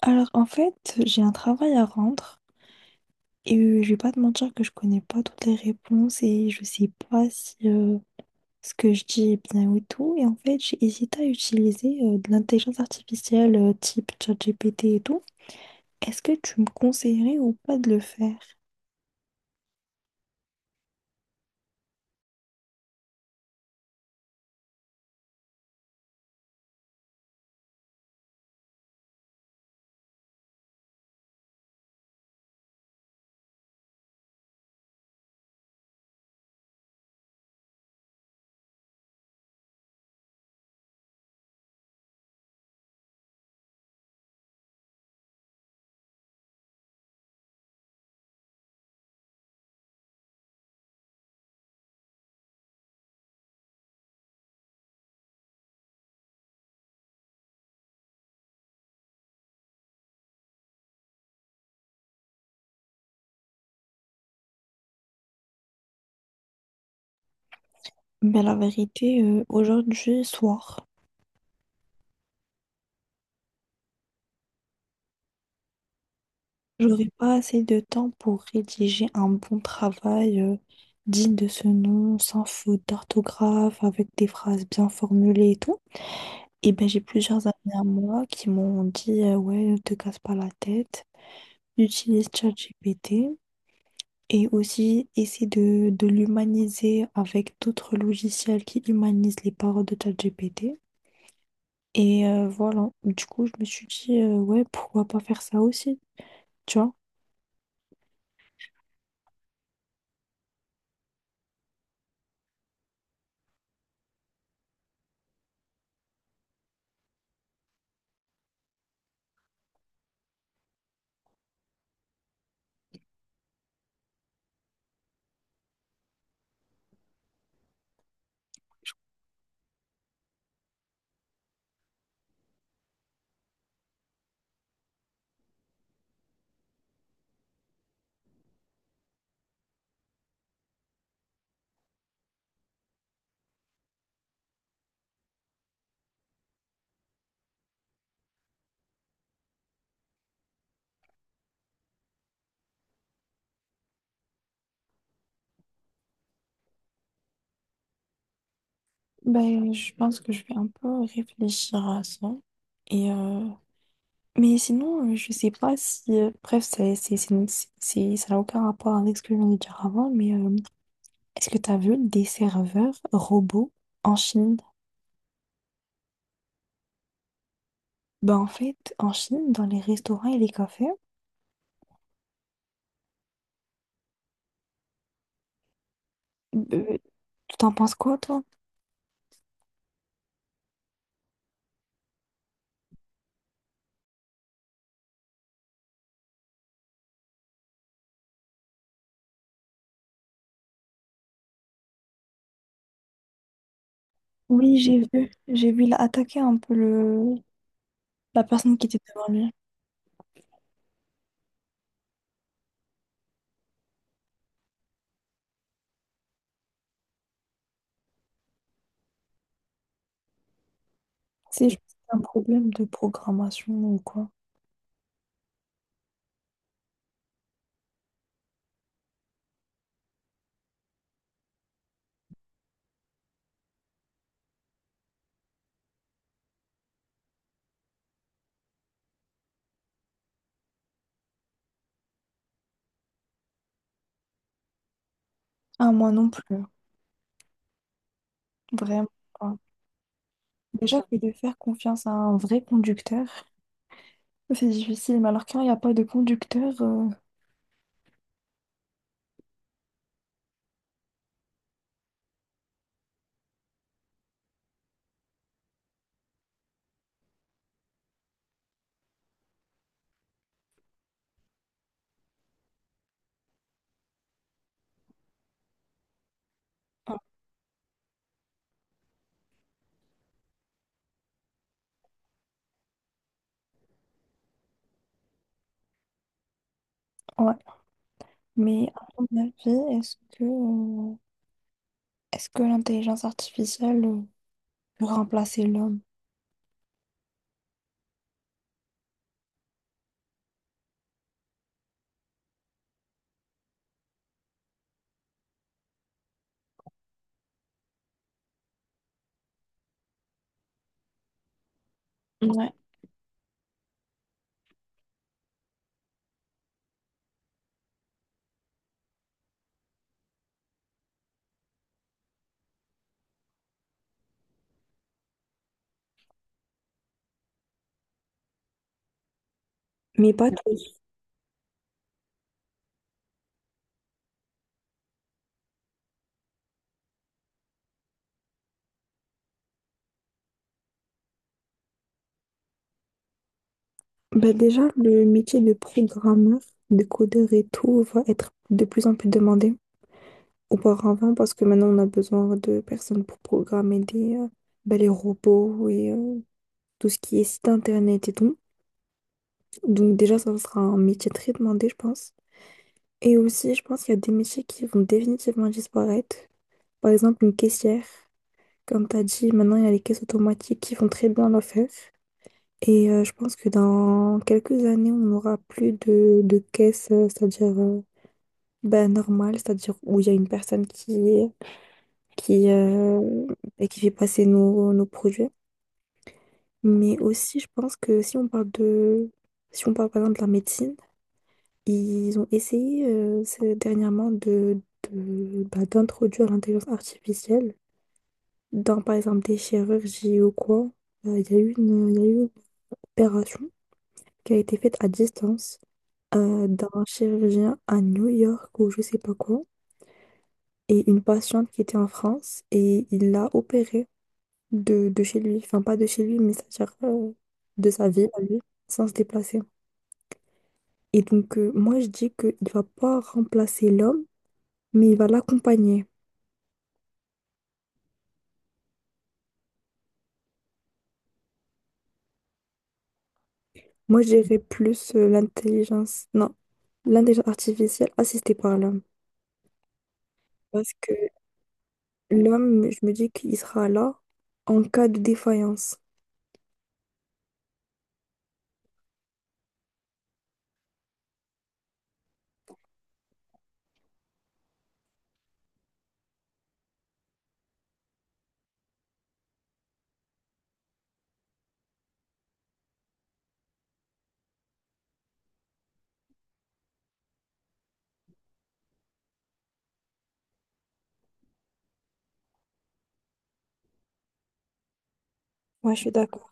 Alors, en fait, j'ai un travail à rendre et je vais pas te mentir que je connais pas toutes les réponses et je sais pas si ce que je dis est bien ou tout. Et en fait, j'ai hésité à utiliser de l'intelligence artificielle type ChatGPT et tout. Est-ce que tu me conseillerais ou pas de le faire? Mais la vérité, aujourd'hui soir, j'aurai pas assez de temps pour rédiger un bon travail digne de ce nom, sans faute d'orthographe, avec des phrases bien formulées et tout. Et ben, j'ai plusieurs amis à moi qui m'ont dit ouais, ne te casse pas la tête, utilise ChatGPT et aussi essaie de l'humaniser avec d'autres logiciels qui humanisent les paroles de ChatGPT. Et voilà, du coup, je me suis dit ouais, pourquoi pas faire ça aussi, tu vois? Ben, je pense que je vais un peu réfléchir à ça. Et euh, Mais sinon, je sais pas si. Bref, ça n'a aucun rapport avec ce que je viens de dire avant, mais est-ce que tu as vu des serveurs robots en Chine? Ben, en fait, en Chine, dans les restaurants et les cafés, euh, tu t'en penses quoi, toi? Oui, j'ai vu. J'ai vu, il a attaqué un peu le... la personne qui était devant lui. C'est juste un problème de programmation ou quoi? Ah, moi non plus. Vraiment. Déjà que de faire confiance à un vrai conducteur, c'est difficile. Mais alors quand il n'y a pas de conducteur, ouais. Mais à ton avis, est-ce que l'intelligence artificielle peut remplacer l'homme? Ouais, mais pas tous. Bah déjà, le métier de programmeur, de codeur et tout va être de plus en plus demandé auparavant parce que maintenant on a besoin de personnes pour programmer des les robots et tout ce qui est site internet et tout. Donc déjà, ça sera un métier très demandé, je pense. Et aussi, je pense qu'il y a des métiers qui vont définitivement disparaître. Par exemple, une caissière. Comme tu as dit, maintenant, il y a les caisses automatiques qui font très bien l'affaire. Et je pense que dans quelques années, on n'aura plus de caisse, c'est-à-dire ben, normale, c'est-à-dire où il y a une personne qui et qui fait passer nos produits. Mais aussi, je pense que si on parle de... Si on parle par exemple de la médecine, ils ont essayé dernièrement de bah, d'introduire l'intelligence artificielle dans, par exemple, des chirurgies ou quoi. Il y a eu une opération qui a été faite à distance d'un chirurgien à New York ou je sais pas quoi, et une patiente qui était en France, et il l'a opérée de chez lui. Enfin, pas de chez lui, mais c'est-à-dire de sa ville à lui, sans se déplacer. Et donc, moi, je dis qu'il va pas remplacer l'homme, mais il va l'accompagner. Moi, j'irais plus l'intelligence, non, l'intelligence artificielle assistée par l'homme. Parce que l'homme, je me dis qu'il sera là en cas de défaillance. Ouais, je suis d'accord.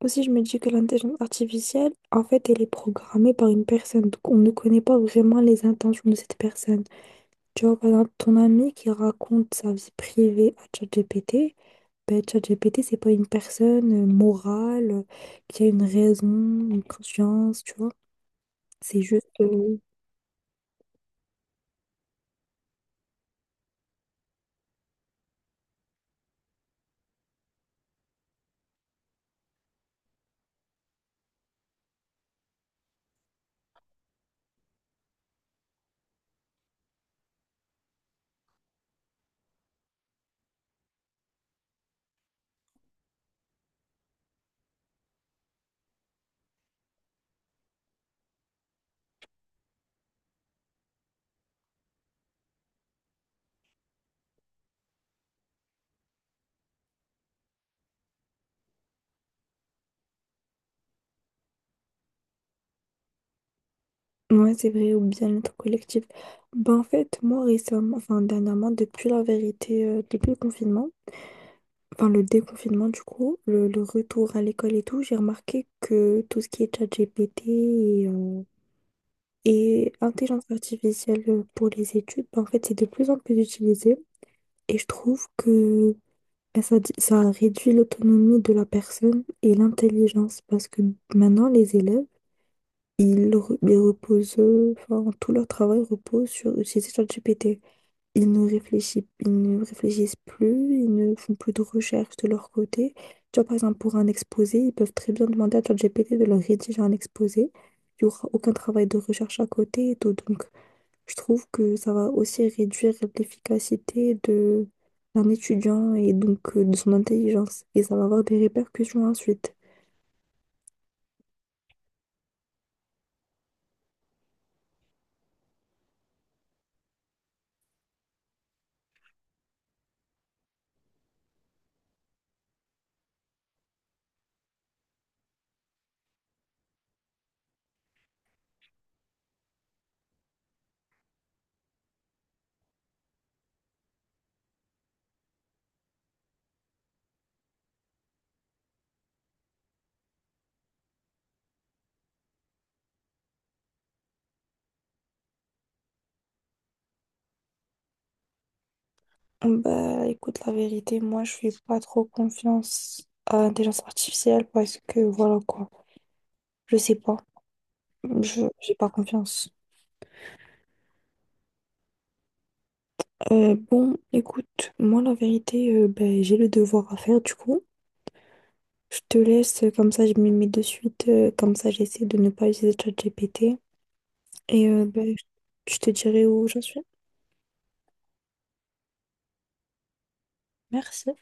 Aussi, je me dis que l'intelligence artificielle, en fait, elle est programmée par une personne. Donc, on ne connaît pas vraiment les intentions de cette personne. Tu vois, par exemple, ton ami qui raconte sa vie privée à ChatGPT, ben, ChatGPT, c'est pas une personne morale qui a une raison, une conscience, tu vois. C'est juste. Ouais, c'est vrai, ou bien notre collectif. Ben, en fait, moi, récemment, enfin, dernièrement, depuis la vérité, depuis le confinement, enfin, le déconfinement, du coup, le retour à l'école et tout, j'ai remarqué que tout ce qui est ChatGPT et et intelligence artificielle pour les études, ben, en fait, c'est de plus en plus utilisé. Et je trouve que ben, ça réduit l'autonomie de la personne et l'intelligence parce que maintenant, les élèves, ils reposent, enfin, tout leur travail repose sur utiliser ChatGPT. Ils ne réfléchissent plus, ils ne font plus de recherche de leur côté. Tu vois, par exemple, pour un exposé, ils peuvent très bien demander à ChatGPT de leur rédiger un exposé. Il n'y aura aucun travail de recherche à côté et tout. Donc, je trouve que ça va aussi réduire l'efficacité de d'un étudiant et donc de son intelligence. Et ça va avoir des répercussions ensuite. Bah, écoute, la vérité, moi, je fais pas trop confiance à l'intelligence artificielle parce que, voilà quoi, je sais pas, je j'ai pas confiance. Bon, écoute, moi, la vérité, ben, j'ai le devoir à faire, du coup. Je te laisse, comme ça, je me mets de suite, comme ça, j'essaie de ne pas utiliser ChatGPT. Et ben, je te dirai où j'en suis. Merci.